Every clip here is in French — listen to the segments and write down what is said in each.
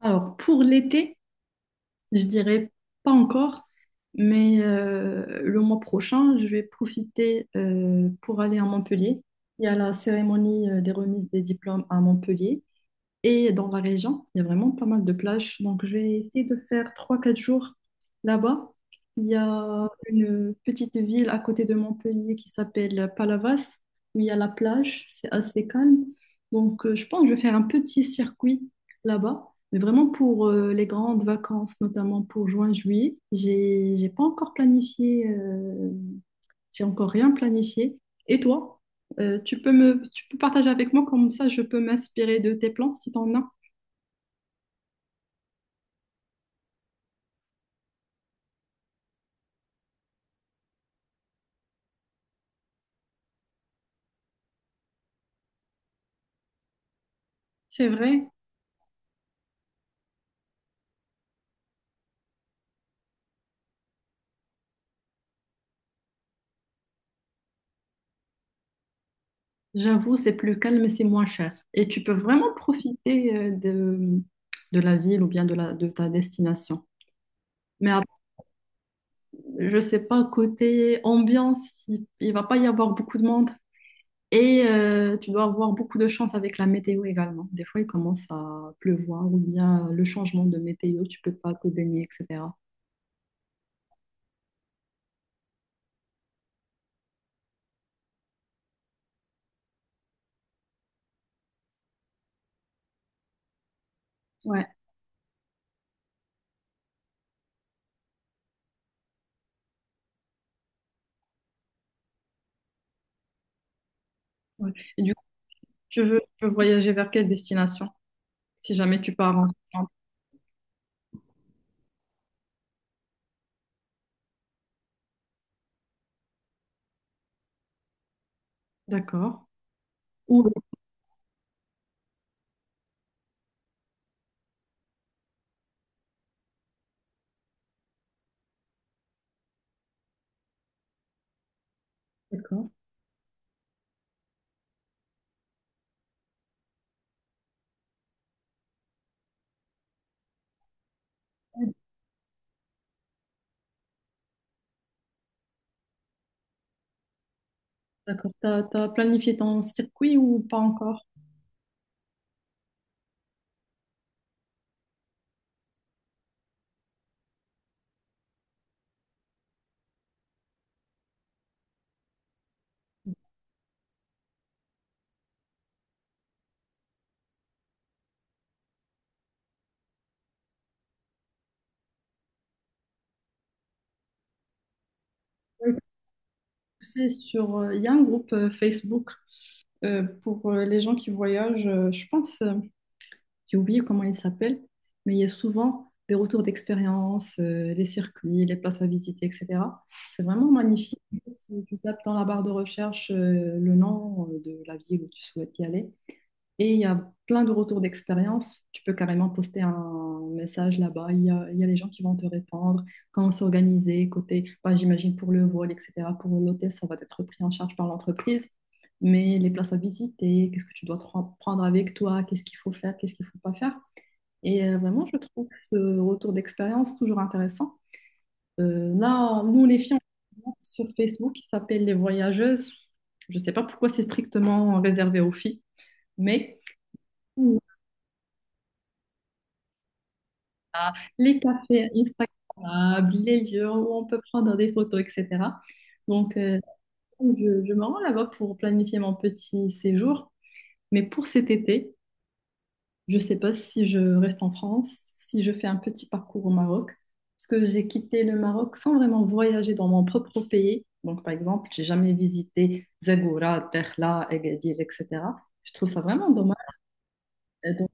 Alors, pour l'été, je dirais pas encore, mais le mois prochain, je vais profiter pour aller à Montpellier. Il y a la cérémonie des remises des diplômes à Montpellier. Et dans la région, il y a vraiment pas mal de plages. Donc, je vais essayer de faire trois quatre jours là-bas. Il y a une petite ville à côté de Montpellier qui s'appelle Palavas, où il y a la plage. C'est assez calme. Donc, je pense que je vais faire un petit circuit là-bas. Mais vraiment pour les grandes vacances, notamment pour juin-juillet, j'ai pas encore planifié j'ai encore rien planifié. Et toi, tu peux tu peux partager avec moi comme ça, je peux m'inspirer de tes plans si t'en as. C'est vrai. J'avoue, c'est plus calme, c'est moins cher. Et tu peux vraiment profiter de la ville ou bien de ta destination. Mais ap- je sais pas, côté ambiance, il va pas y avoir beaucoup de monde. Et tu dois avoir beaucoup de chance avec la météo également. Des fois, il commence à pleuvoir ou bien le changement de météo, tu peux pas te baigner, etc. Ouais. Ouais. Et du tu veux voyager vers quelle destination? Si jamais tu pars en Thaïlande. D'accord. Ou D'accord. D'accord. T'as planifié ton circuit ou pas encore? Ouais, c'est sur, Il y a un groupe Facebook pour les gens qui voyagent. Je pense, j'ai oublié comment il s'appelle, mais il y a souvent des retours d'expérience, les circuits, les places à visiter, etc. C'est vraiment magnifique. Tu tapes dans la barre de recherche le nom de la ville où tu souhaites y aller. Et il y a plein de retours d'expérience. Tu peux carrément poster un message là-bas. Il y a les gens qui vont te répondre. Comment s'organiser côté, bah, j'imagine pour le vol, etc. Pour l'hôtel, ça va être pris en charge par l'entreprise. Mais les places à visiter, qu'est-ce que tu dois te prendre avec toi, qu'est-ce qu'il faut faire, qu'est-ce qu'il ne faut pas faire. Et vraiment, je trouve ce retour d'expérience toujours intéressant. Là, nous, les filles, on a un groupe sur Facebook qui s'appelle Les Voyageuses. Je ne sais pas pourquoi c'est strictement réservé aux filles, mais... Ah, les cafés Instagrammables, les lieux où on peut prendre des photos, etc. Donc, je me rends là-bas pour planifier mon petit séjour. Mais pour cet été, je ne sais pas si je reste en France, si je fais un petit parcours au Maroc, parce que j'ai quitté le Maroc sans vraiment voyager dans mon propre pays. Donc, par exemple, j'ai jamais visité Zagora, Dakhla, Agadir, etc. Je trouve ça vraiment dommage. Et donc,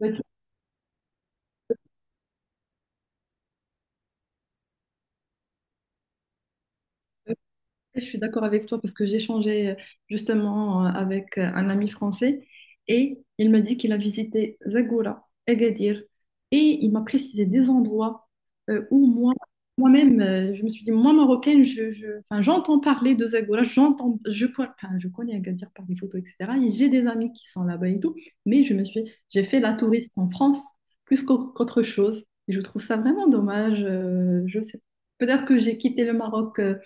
hmm, je suis d'accord avec toi parce que j'ai échangé justement avec un ami français et il m'a dit qu'il a visité Zagora, Agadir, et il m'a précisé des endroits où moi, moi-même, je me suis dit, moi marocaine, enfin, j'entends parler de Zagora, j'entends, enfin, je connais Agadir par des photos, etc. Et j'ai des amis qui sont là-bas et tout, mais j'ai fait la touriste en France plus qu'autre chose, et je trouve ça vraiment dommage. Je sais, peut-être que j'ai quitté le Maroc euh,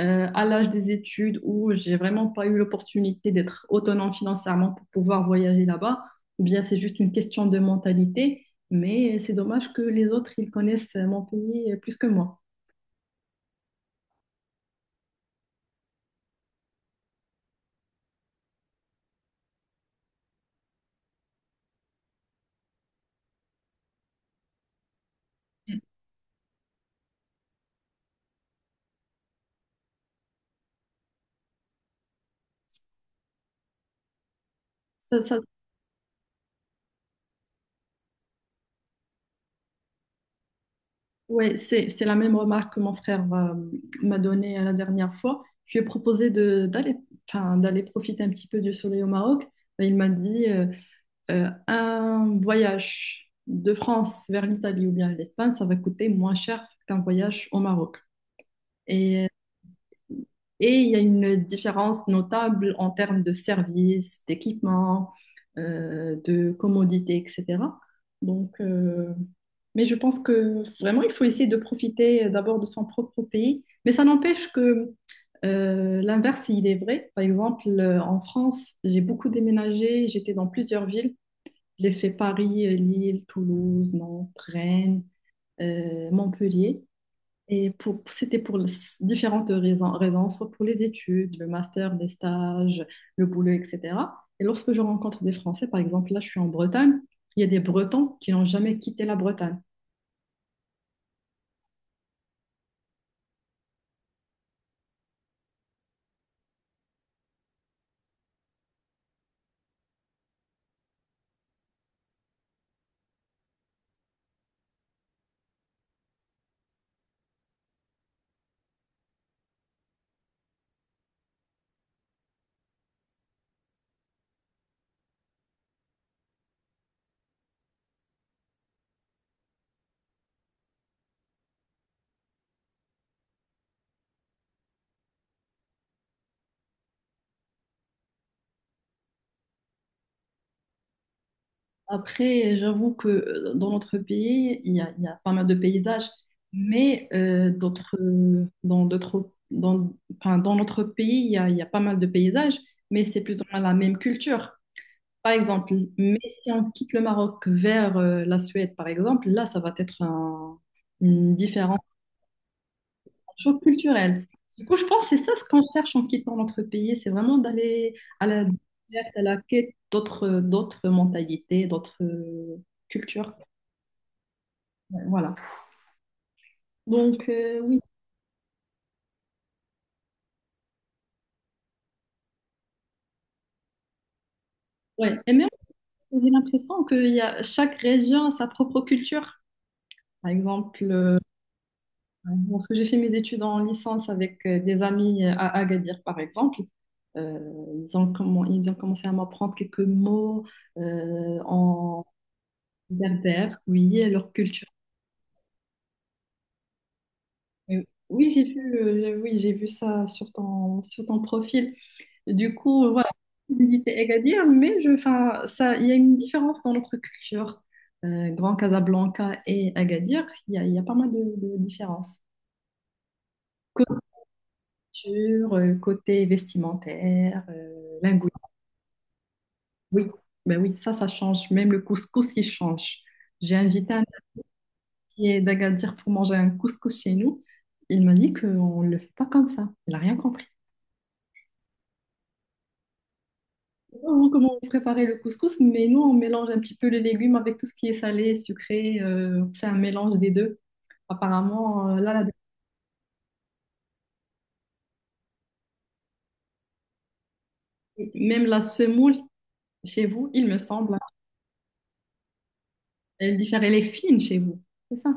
euh, à l'âge des études où j'ai vraiment pas eu l'opportunité d'être autonome financièrement pour pouvoir voyager là-bas, ou bien c'est juste une question de mentalité, mais c'est dommage que les autres, ils connaissent mon pays plus que moi. Mm. Ça, ça- ouais, c'est la même remarque que mon frère m'a donnée la dernière fois. Je lui ai proposé enfin, d'aller profiter un petit peu du soleil au Maroc. Et il m'a dit, un voyage de France vers l'Italie ou bien l'Espagne, ça va coûter moins cher qu'un voyage au Maroc. Et, et il y a une différence notable en termes de services, d'équipements, de commodités, etc. Donc, mais je pense que vraiment, il faut essayer de profiter d'abord de son propre pays. Mais ça n'empêche que l'inverse, il est vrai. Par exemple, en France, j'ai beaucoup déménagé, j'étais dans plusieurs villes. J'ai fait Paris, Lille, Toulouse, Nantes, Rennes, Montpellier. C'était pour différentes raisons, soit pour les études, le master, les stages, le boulot, etc. Et lorsque je rencontre des Français, par exemple, là, je suis en Bretagne, il y a des Bretons qui n'ont jamais quitté la Bretagne. Après, j'avoue que dans notre pays, il y a pas mal de paysages, mais d'autres, dans d'autres, dans, enfin, dans notre pays, il y a pas mal de paysages, mais c'est plus ou moins la même culture. Par exemple, mais si on quitte le Maroc vers la Suède, par exemple, là, ça va être une différence, un choc culturel. Du coup, je pense que c'est ça ce qu'on cherche en quittant notre pays, c'est vraiment d'aller à la découverte, à la quête d'autres, mentalités, d'autres cultures. Ouais, voilà. Donc, oui. Ouais. Et même, j'ai l'impression que chaque région a sa propre culture. Par exemple, bon, parce que j'ai fait mes études en licence avec des amis à Agadir, par exemple. Euh, ils ont commencé à m'apprendre quelques mots en berbère, oui, et leur culture. Euh, oui, oui, j'ai vu ça sur ton profil. Du coup, voilà, j'ai visité Agadir, mais enfin, il y a une différence dans notre culture. Grand Casablanca et Agadir, il y a pas mal de différences. Culture, côté vestimentaire, linguistique. Oui, ben oui, ça change. Même le couscous, il change. J'ai invité un ami d'Agadir pour manger un couscous chez nous. Il m'a dit qu'on ne le fait pas comme ça. Il n'a rien compris. Vraiment, comment on préparait le couscous, mais nous, on mélange un petit peu les légumes avec tout ce qui est salé, sucré. On fait un mélange des deux. Apparemment, là, même la semoule, chez vous, il me semble, hein, elle diffère, elle est fine chez vous. C'est ça.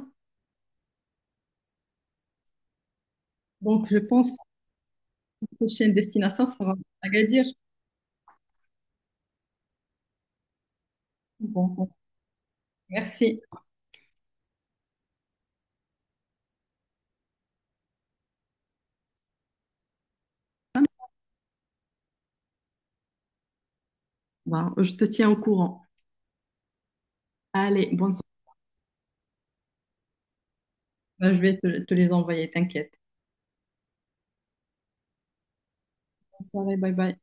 Donc, je pense que la prochaine destination sera Agadir. Bon, bon, merci. Bah, je te tiens au courant. Allez, bonne soirée. Bah, je vais te les envoyer, t'inquiète. Bonne soirée, bye bye.